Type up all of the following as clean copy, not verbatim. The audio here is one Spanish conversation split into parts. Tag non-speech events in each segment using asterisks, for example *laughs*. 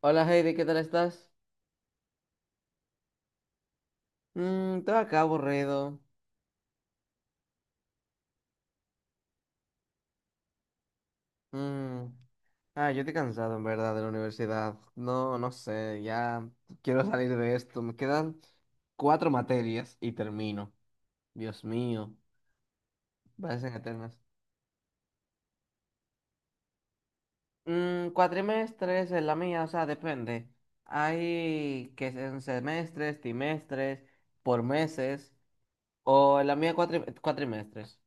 Hola Heidi, ¿qué tal estás? Todo acá aburrido. Mm, Ah, yo estoy cansado en verdad de la universidad. No, no sé, ya quiero salir de esto. Me quedan cuatro materias y termino. Dios mío, parecen eternas. Cuatrimestres es la mía, o sea, depende. Hay que en semestres, trimestres, por meses, o en la mía cuatrimestres.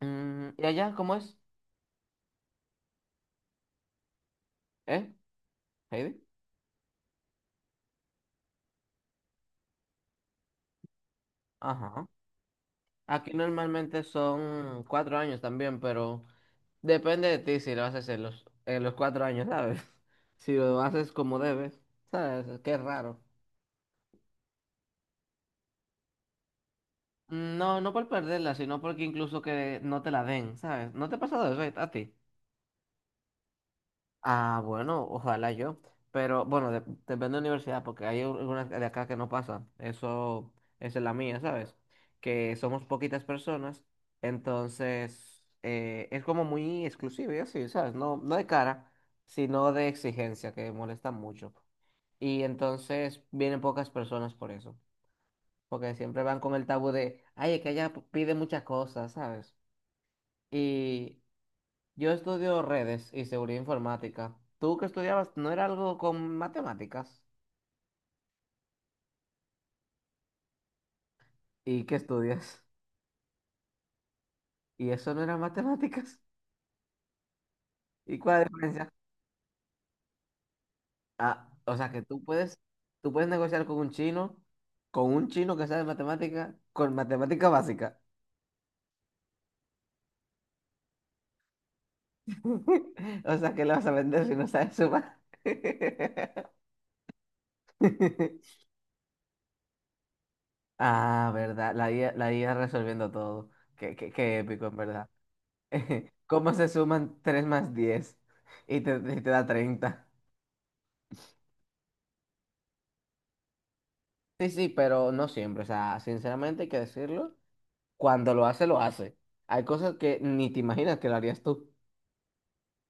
¿Y allá cómo es? ¿Eh, Heidi? Ajá. Aquí normalmente son 4 años también, pero depende de ti si lo haces en los 4 años, ¿sabes? *laughs* Si lo haces como debes, ¿sabes? Qué raro. No, no por perderla, sino porque incluso que no te la den, ¿sabes? ¿No te ha pasado eso a ti? Ah, bueno, ojalá yo. Pero bueno, depende de la universidad, porque hay algunas de acá que no pasa. Eso, esa es la mía, ¿sabes? Que somos poquitas personas, entonces es como muy exclusivo y así, ¿sabes? No, no de cara, sino de exigencia, que molesta mucho. Y entonces vienen pocas personas por eso, porque siempre van con el tabú de, ay, es que ella pide muchas cosas, ¿sabes? Yo estudio redes y seguridad informática. ¿Tú que estudiabas no era algo con matemáticas? ¿Y qué estudias? ¿Y eso no era matemáticas? ¿Y cuál es la diferencia? Ah, o sea que tú puedes negociar con un chino que sabe matemática, con matemática básica. *laughs* O sea que le vas a vender si no sabes sumar. *laughs* Ah, verdad, la IA, la IA resolviendo todo. Qué épico, en verdad. *laughs* ¿Cómo se suman 3 más 10? Y te da 30. Sí, sí, pero no siempre. O sea, sinceramente hay que decirlo. Cuando lo hace, lo hace. Hay cosas que ni te imaginas que lo harías tú.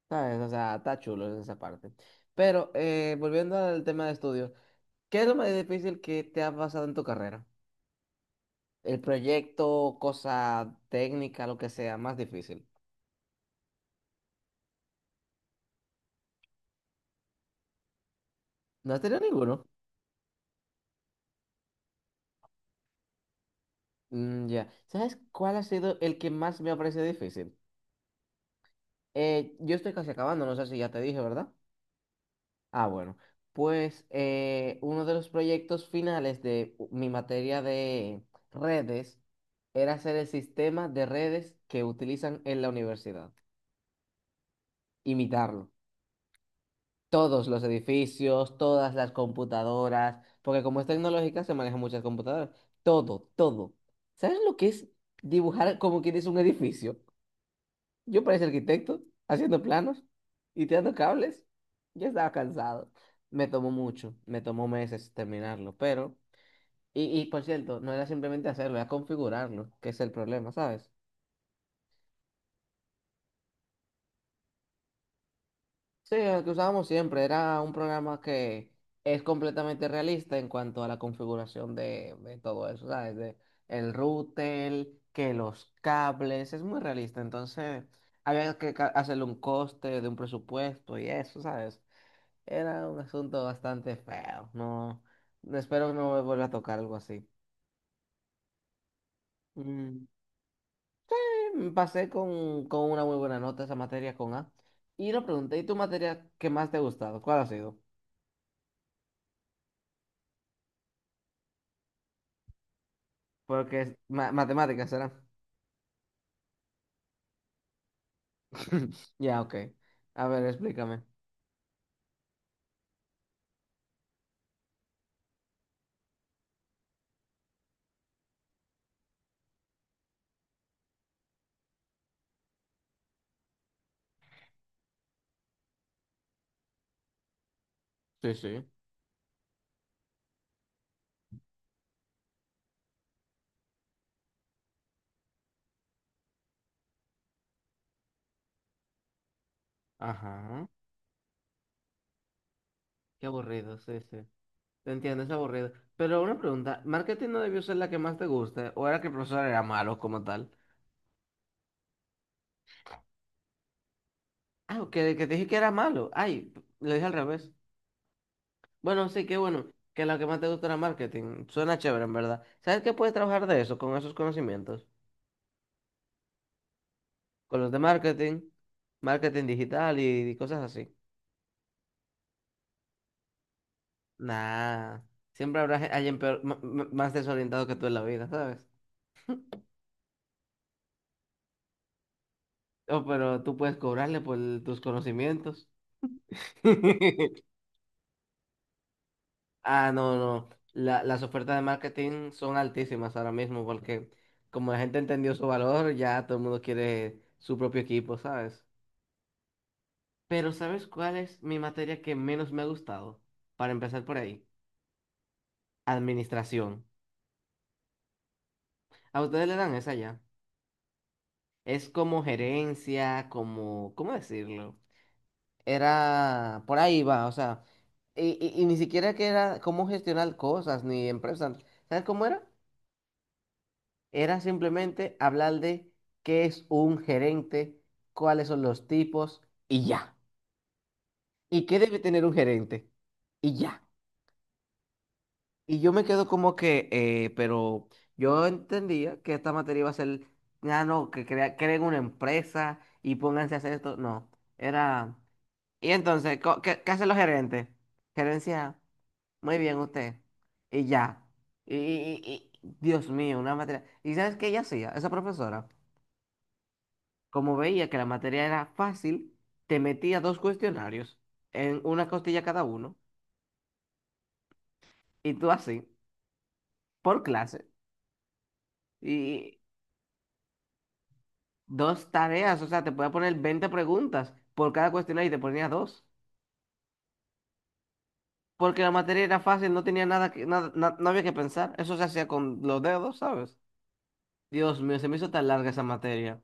¿Sabes? O sea, está chulo en esa parte. Pero volviendo al tema de estudios, ¿qué es lo más difícil que te ha pasado en tu carrera? El proyecto, cosa técnica, lo que sea, más difícil. ¿No has tenido ninguno? Mm, ya. ¿Sabes cuál ha sido el que más me ha parecido difícil? Yo estoy casi acabando, no sé si ya te dije, ¿verdad? Ah, bueno. Pues uno de los proyectos finales de mi materia de redes era hacer el sistema de redes que utilizan en la universidad. Imitarlo. Todos los edificios, todas las computadoras, porque como es tecnológica se manejan muchas computadoras. Todo, todo. ¿Sabes lo que es dibujar como quieres un edificio? Yo parecía arquitecto, haciendo planos y tirando cables. Ya estaba cansado. Me tomó mucho, me tomó meses terminarlo, pero... Y por cierto, no era simplemente hacerlo, era configurarlo, que es el problema, ¿sabes? Sí, el que usábamos siempre era un programa que es completamente realista en cuanto a la configuración de todo eso, ¿sabes? De el router, que los cables, es muy realista, entonces había que hacerle un coste de un presupuesto y eso, ¿sabes? Era un asunto bastante feo. No, no espero no me vuelva a tocar algo así. Mm, Pasé con una muy buena nota esa materia con A. Y lo pregunté, ¿y tu materia que más te ha gustado? ¿Cuál ha sido? Porque es matemáticas, ¿será? *laughs* Ya, ok. A ver, explícame. Sí, sí. Ajá. Qué aburrido, sí, sí. Te entiendo, es aburrido. Pero una pregunta, ¿marketing no debió ser la que más te guste? ¿O era que el profesor era malo como tal? Ah, que te dije que era malo. Ay, lo dije al revés. Bueno, sí, qué bueno, que lo que más te gusta era marketing. Suena chévere, en verdad. ¿Sabes qué puedes trabajar de eso, con esos conocimientos? Con los de marketing, marketing digital y cosas así. Nah, siempre habrá alguien más desorientado que tú en la vida, ¿sabes? Oh, pero tú puedes cobrarle por tus conocimientos. *laughs* Ah, no, no. Las ofertas de marketing son altísimas ahora mismo porque como la gente entendió su valor, ya todo el mundo quiere su propio equipo, ¿sabes? Pero ¿sabes cuál es mi materia que menos me ha gustado? Para empezar por ahí, administración. A ustedes le dan esa ya. Es como gerencia, como, ¿cómo decirlo? Era, por ahí va, o sea, y ni siquiera que era cómo gestionar cosas ni empresas. ¿Sabes cómo era? Era simplemente hablar de qué es un gerente, cuáles son los tipos y ya. ¿Y qué debe tener un gerente? Y ya. Y yo me quedo como que, pero yo entendía que esta materia iba a ser, ah, no, que creen una empresa y pónganse a hacer esto. No, era... Y entonces, ¿qué hacen los gerentes? Gerencia, muy bien usted. Y ya. y- y- Dios mío, una materia. ¿Y sabes qué ella hacía? Esa profesora, como veía que la materia era fácil, te metía dos cuestionarios en una costilla cada uno, y tú así, por clase. Dos tareas, o sea, te podía poner 20 preguntas por cada cuestionario y te ponía dos. Porque la materia era fácil, no tenía nada que, nada, no había que pensar. Eso se hacía con los dedos, ¿sabes? Dios mío, se me hizo tan larga esa materia.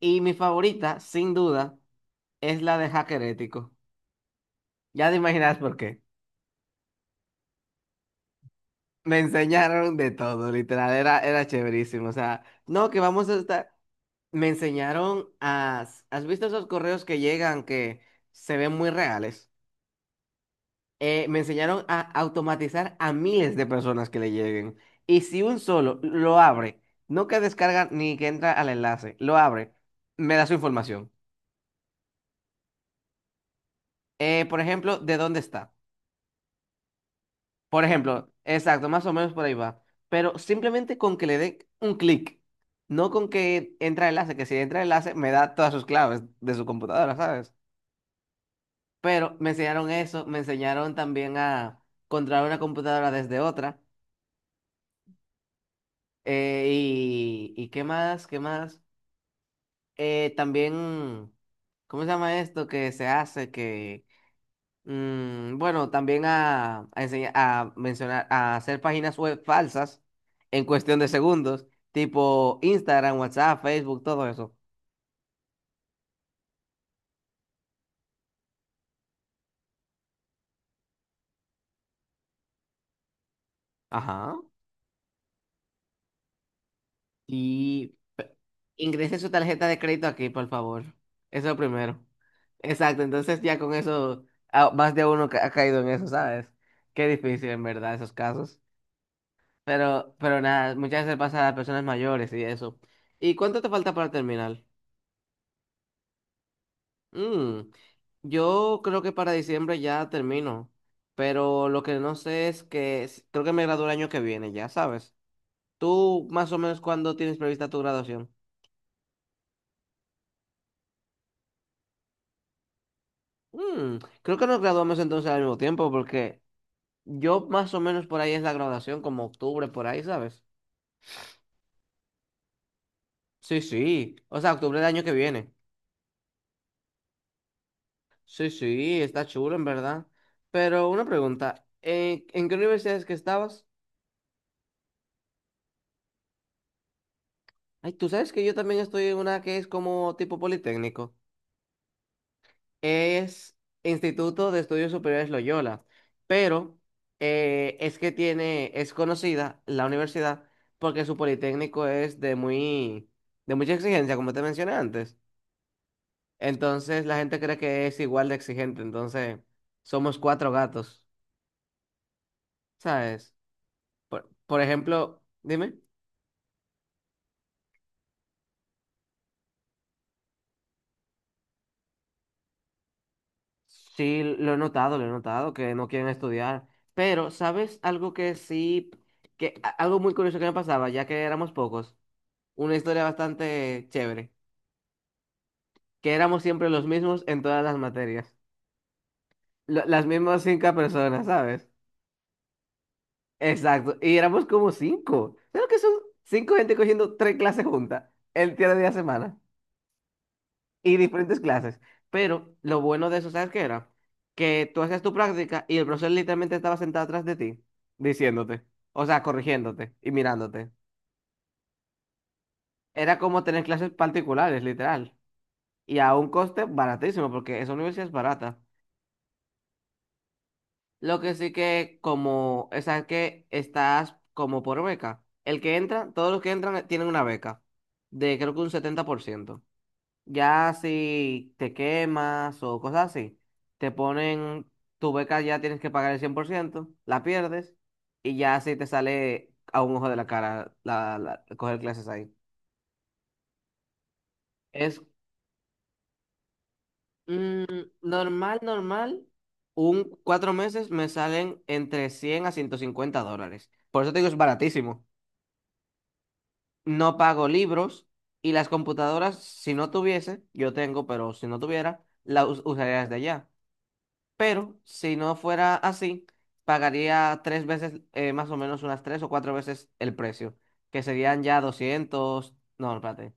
Y mi favorita, sin duda, es la de hacker ético. Ya te imaginas por qué. Me enseñaron de todo, literal, era, era chéverísimo. O sea, no, que vamos a estar. Me enseñaron a. ¿Has visto esos correos que llegan que se ven muy reales? Me enseñaron a automatizar a miles de personas que le lleguen. Y si un solo lo abre, no que descarga ni que entra al enlace, lo abre, me da su información. Por ejemplo, de dónde está. Por ejemplo, exacto, más o menos por ahí va. Pero simplemente con que le dé un clic, no con que entra el enlace, que si entra el enlace me da todas sus claves de su computadora, ¿sabes? Pero me enseñaron eso, me enseñaron también a controlar una computadora desde otra. Y, ¿y qué más? ¿Qué más? También, ¿cómo se llama esto que se hace? Que, bueno, también a enseñar, a mencionar, a hacer páginas web falsas en cuestión de segundos, tipo Instagram, WhatsApp, Facebook, todo eso. Ajá. Y pe- ingrese su tarjeta de crédito aquí, por favor. Eso es lo primero. Exacto, entonces ya con eso, ah, más de uno ha caído en eso, ¿sabes? Qué difícil, en verdad, esos casos. Pero nada, muchas veces pasa a las personas mayores y eso. ¿Y cuánto te falta para terminar? Mm, yo creo que para diciembre ya termino, pero lo que no sé es que creo que me gradúo el año que viene, ya sabes. ¿Tú más o menos cuándo tienes prevista tu graduación? Mm, creo que nos graduamos entonces al mismo tiempo porque yo más o menos por ahí es la graduación, como octubre, por ahí, ¿sabes? Sí, sí, o sea, octubre del año que viene. Sí, sí, está chulo en verdad. Pero una pregunta, ¿en qué universidades que estabas? Ay, tú sabes que yo también estoy en una que es como tipo politécnico. Es Instituto de Estudios Superiores Loyola, pero es que tiene, es conocida la universidad porque su politécnico es de muy, de mucha exigencia, como te mencioné antes. Entonces la gente cree que es igual de exigente, entonces somos cuatro gatos, ¿sabes? Por ejemplo, dime. Sí, lo he notado, que no quieren estudiar. Pero, ¿sabes algo que sí, que algo muy curioso que me pasaba, ya que éramos pocos? Una historia bastante chévere, que éramos siempre los mismos en todas las materias. Las mismas cinco personas, ¿sabes? Exacto, y éramos como cinco. ¿Sabes que son cinco gente cogiendo tres clases juntas el día de la semana? Y diferentes clases. Pero lo bueno de eso, ¿sabes qué era? Que tú hacías tu práctica y el profesor literalmente estaba sentado atrás de ti, diciéndote, o sea, corrigiéndote y mirándote. Era como tener clases particulares, literal. Y a un coste baratísimo, porque esa universidad es barata. Lo que sí que, como, o sea, que estás como por beca. El que entra, todos los que entran tienen una beca de creo que un 70%. Ya si te quemas o cosas así, te ponen tu beca, ya tienes que pagar el 100% la pierdes y ya si te sale a un ojo de la cara coger clases ahí. Es mm, normal, normal. Un 4 meses me salen entre $100 a $150. Por eso te digo, es baratísimo. No pago libros y las computadoras, si no tuviese, yo tengo, pero si no tuviera, las usaría desde allá. Pero si no fuera así, pagaría tres veces, más o menos unas tres o cuatro veces el precio, que serían ya 200 no, espérate,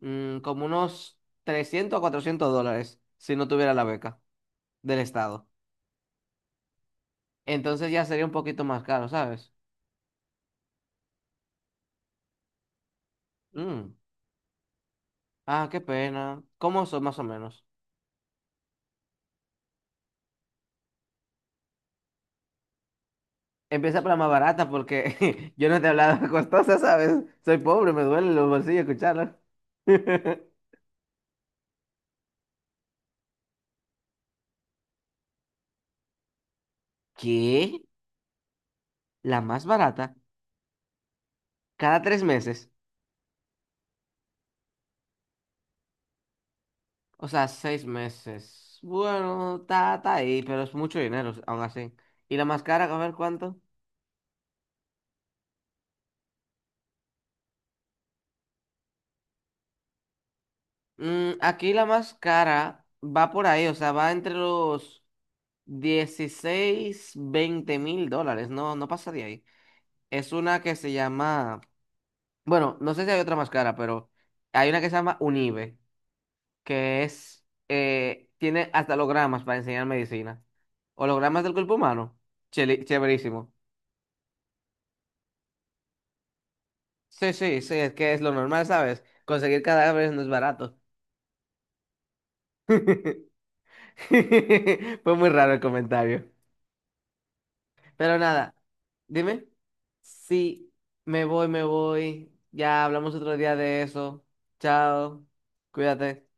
como unos $300 a $400 si no tuviera la beca del Estado. Entonces ya sería un poquito más caro, ¿sabes? Mm, Ah, qué pena. ¿Cómo son más o menos? Empieza por la más barata porque *laughs* yo no te he hablado de costosa, ¿sabes? Soy pobre, me duelen los bolsillos escucharlo. *laughs* ¿Qué? ¿La más barata? Cada 3 meses, o sea, 6 meses. Bueno, está ahí, pero es mucho dinero, aún así. ¿Y la más cara, a ver cuánto? Aquí la más cara va por ahí, o sea, va entre los 16 a 20 mil dólares, no, no pasa de ahí. Es una que se llama, bueno, no sé si hay otra más cara, pero hay una que se llama Unive, que es, tiene hasta hologramas para enseñar medicina. Hologramas del cuerpo humano, chéverísimo. Sí, sí, sí, es que es lo normal, ¿sabes? Conseguir cadáveres no es barato. *laughs* Fue muy raro el comentario. Pero nada, dime. Sí, me voy, me voy. Ya hablamos otro día de eso. Chao, cuídate.